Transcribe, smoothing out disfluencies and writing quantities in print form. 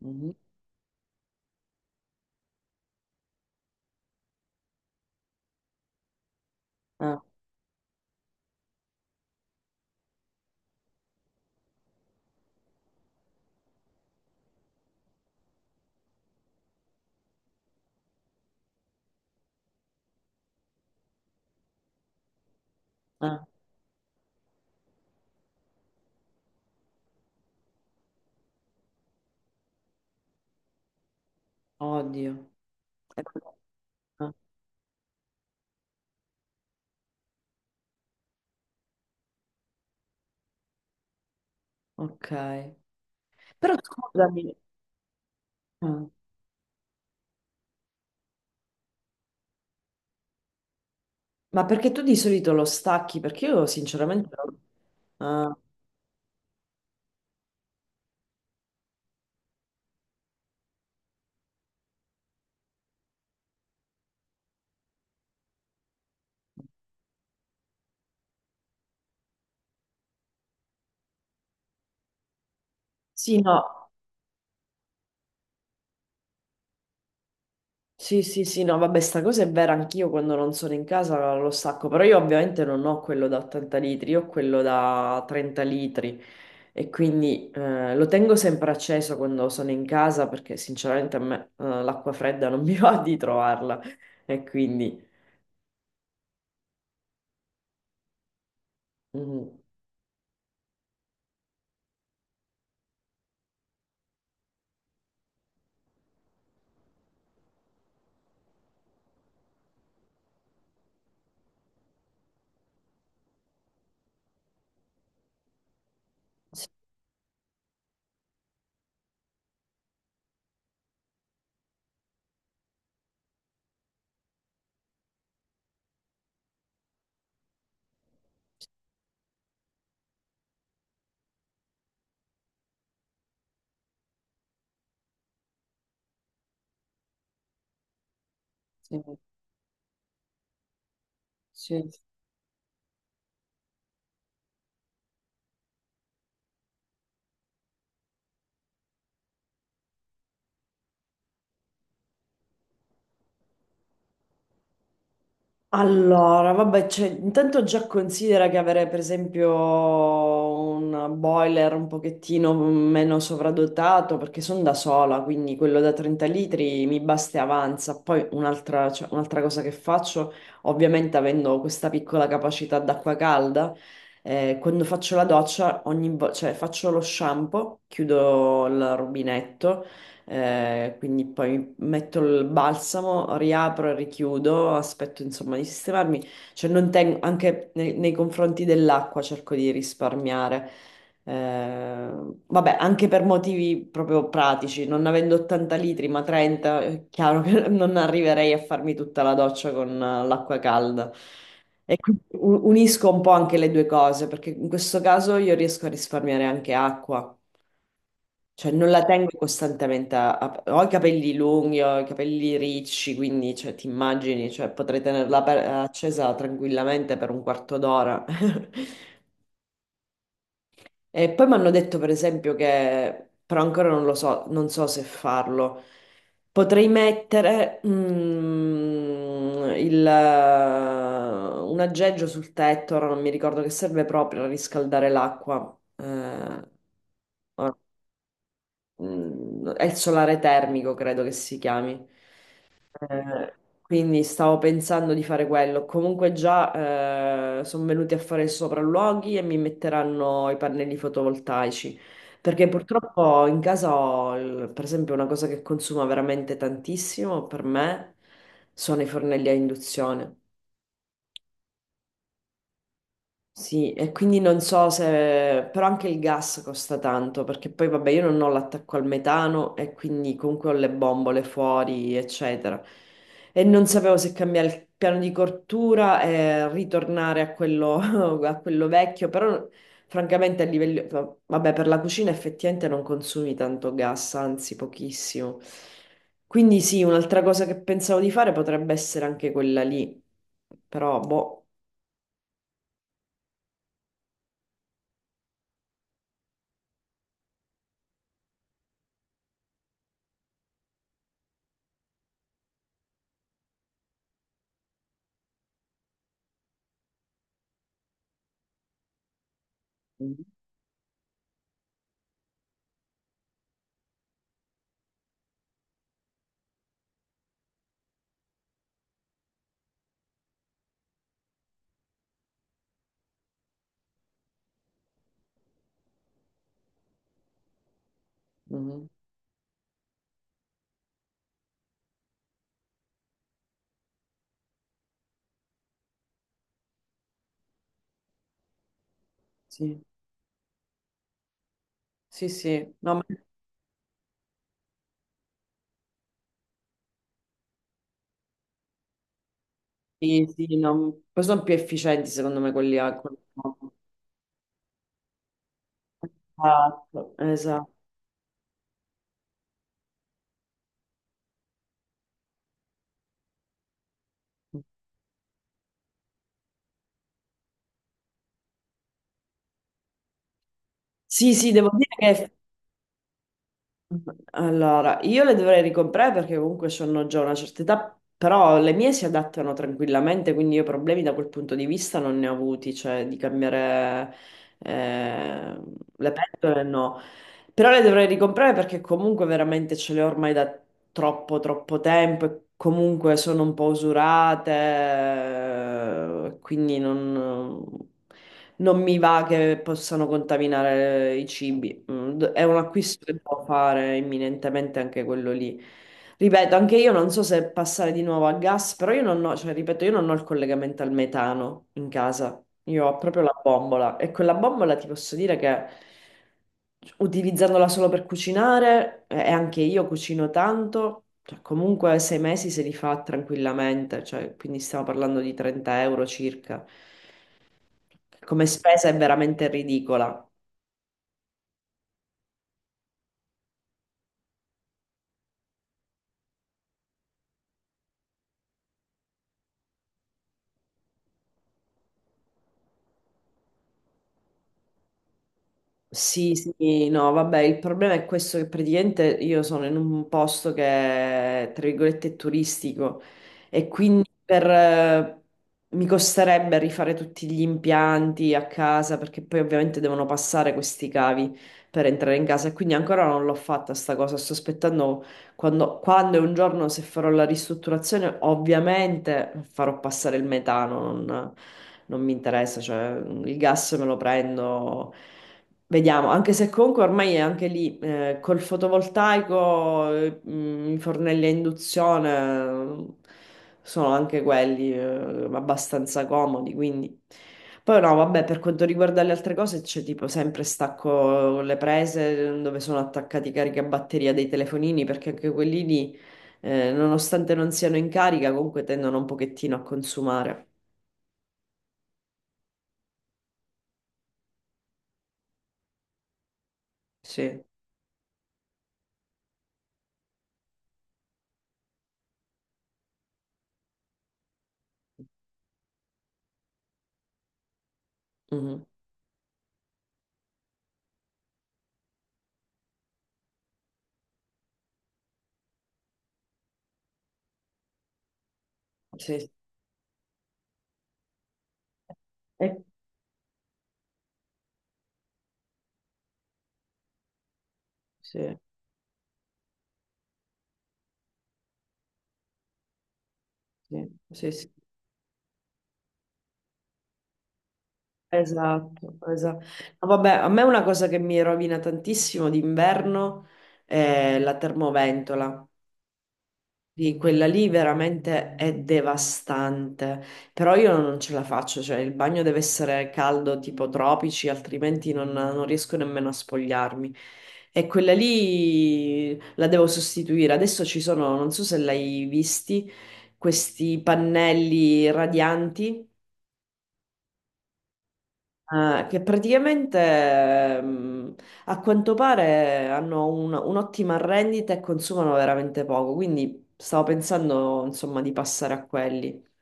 Mhm. Ah, ah, oddio. Ecco qua. Ok. Però scusami, ah, ma perché tu di solito lo stacchi? Perché io sinceramente... ah, sì, no, sì, sì, sì, no, vabbè, sta cosa è vera, anch'io quando non sono in casa lo stacco, però io ovviamente non ho quello da 80 litri, io ho quello da 30 litri e quindi lo tengo sempre acceso quando sono in casa perché sinceramente a me l'acqua fredda non mi va di trovarla e quindi... Mhm. Sì, sì. Sì. Allora, vabbè, cioè, intanto già considera che avere per esempio un boiler un pochettino meno sovradotato, perché sono da sola, quindi quello da 30 litri mi basta e avanza. Poi un'altra cosa che faccio, ovviamente avendo questa piccola capacità d'acqua calda, quando faccio la doccia, faccio lo shampoo, chiudo il rubinetto. Quindi poi metto il balsamo, riapro e richiudo, aspetto insomma di sistemarmi, cioè non tengo, anche nei confronti dell'acqua cerco di risparmiare. Eh, Vabbè, anche per motivi proprio pratici, non avendo 80 litri ma 30, è chiaro che non arriverei a farmi tutta la doccia con l'acqua calda. E quindi unisco un po' anche le due cose, perché in questo caso io riesco a risparmiare anche acqua. Cioè, non la tengo costantemente Ho i capelli lunghi, ho i capelli ricci, quindi, cioè, ti immagini, cioè, potrei tenerla accesa tranquillamente per un quarto d'ora. E poi mi hanno detto, per esempio, che... Però ancora non lo so, non so se farlo. Potrei mettere un aggeggio sul tetto, ora non mi ricordo che serve proprio a riscaldare l'acqua. Ora è il solare termico, credo che si chiami. Eh, quindi stavo pensando di fare quello. Comunque già sono venuti a fare i sopralluoghi e mi metteranno i pannelli fotovoltaici. Perché purtroppo in casa ho, per esempio, una cosa che consuma veramente tantissimo per me sono i fornelli a induzione. Sì, e quindi non so se... però anche il gas costa tanto, perché poi vabbè io non ho l'attacco al metano e quindi comunque ho le bombole fuori, eccetera. E non sapevo se cambiare il piano di cottura e ritornare a quello, a quello vecchio, però francamente a livello... vabbè per la cucina effettivamente non consumi tanto gas, anzi pochissimo. Quindi sì, un'altra cosa che pensavo di fare potrebbe essere anche quella lì, però boh. Mhm. Sì, sì, sì. No, ma sì, sì, no. Poi sono più efficienti secondo me quelli no. Esatto, esatto. Sì, sì, devo dire che allora io le dovrei ricomprare perché comunque sono già una certa età, però le mie si adattano tranquillamente, quindi io problemi da quel punto di vista non ne ho avuti, cioè di cambiare eh, le pentole no. Però le dovrei ricomprare perché comunque veramente ce le ho ormai da troppo, troppo tempo e comunque sono un po' usurate, quindi non, non mi va che possano contaminare i cibi. È un acquisto che devo fare imminentemente anche quello lì. Ripeto, anche io non so se passare di nuovo a gas, però io non ho, cioè, ripeto, io non ho il collegamento al metano in casa. Io ho proprio la bombola e quella bombola ti posso dire che utilizzandola solo per cucinare e anche io cucino tanto, cioè comunque 6 mesi se li fa tranquillamente, cioè, quindi stiamo parlando di 30 euro circa. Come spesa è veramente ridicola. Sì, sì, no, vabbè, il problema è questo che praticamente io sono in un posto che, tra virgolette, è turistico e quindi mi costerebbe rifare tutti gli impianti a casa perché poi ovviamente devono passare questi cavi per entrare in casa e quindi ancora non l'ho fatta sta cosa, sto aspettando quando e un giorno se farò la ristrutturazione ovviamente farò passare il metano, non mi interessa, cioè il gas me lo prendo. Vediamo, anche se comunque ormai è anche lì, col fotovoltaico, i fornelli a induzione sono anche quelli abbastanza comodi, quindi... Poi no, vabbè, per quanto riguarda le altre cose c'è tipo sempre stacco le prese dove sono attaccati i caricabatteria dei telefonini, perché anche quelli lì, nonostante non siano in carica, comunque tendono un pochettino a consumare. Sì. Mhm. Sì, sì, Eh, sì, sì, sì. Sì. Esatto, esatto. No, vabbè, a me una cosa che mi rovina tantissimo d'inverno è la termoventola. Di Quella lì veramente è devastante, però io non ce la faccio, cioè il bagno deve essere caldo tipo tropici, altrimenti non, non riesco nemmeno a spogliarmi. E quella lì la devo sostituire. Adesso ci sono, non so se l'hai visti, questi pannelli radianti. Che praticamente a quanto pare hanno un'ottima rendita e consumano veramente poco, quindi stavo pensando insomma di passare a quelli.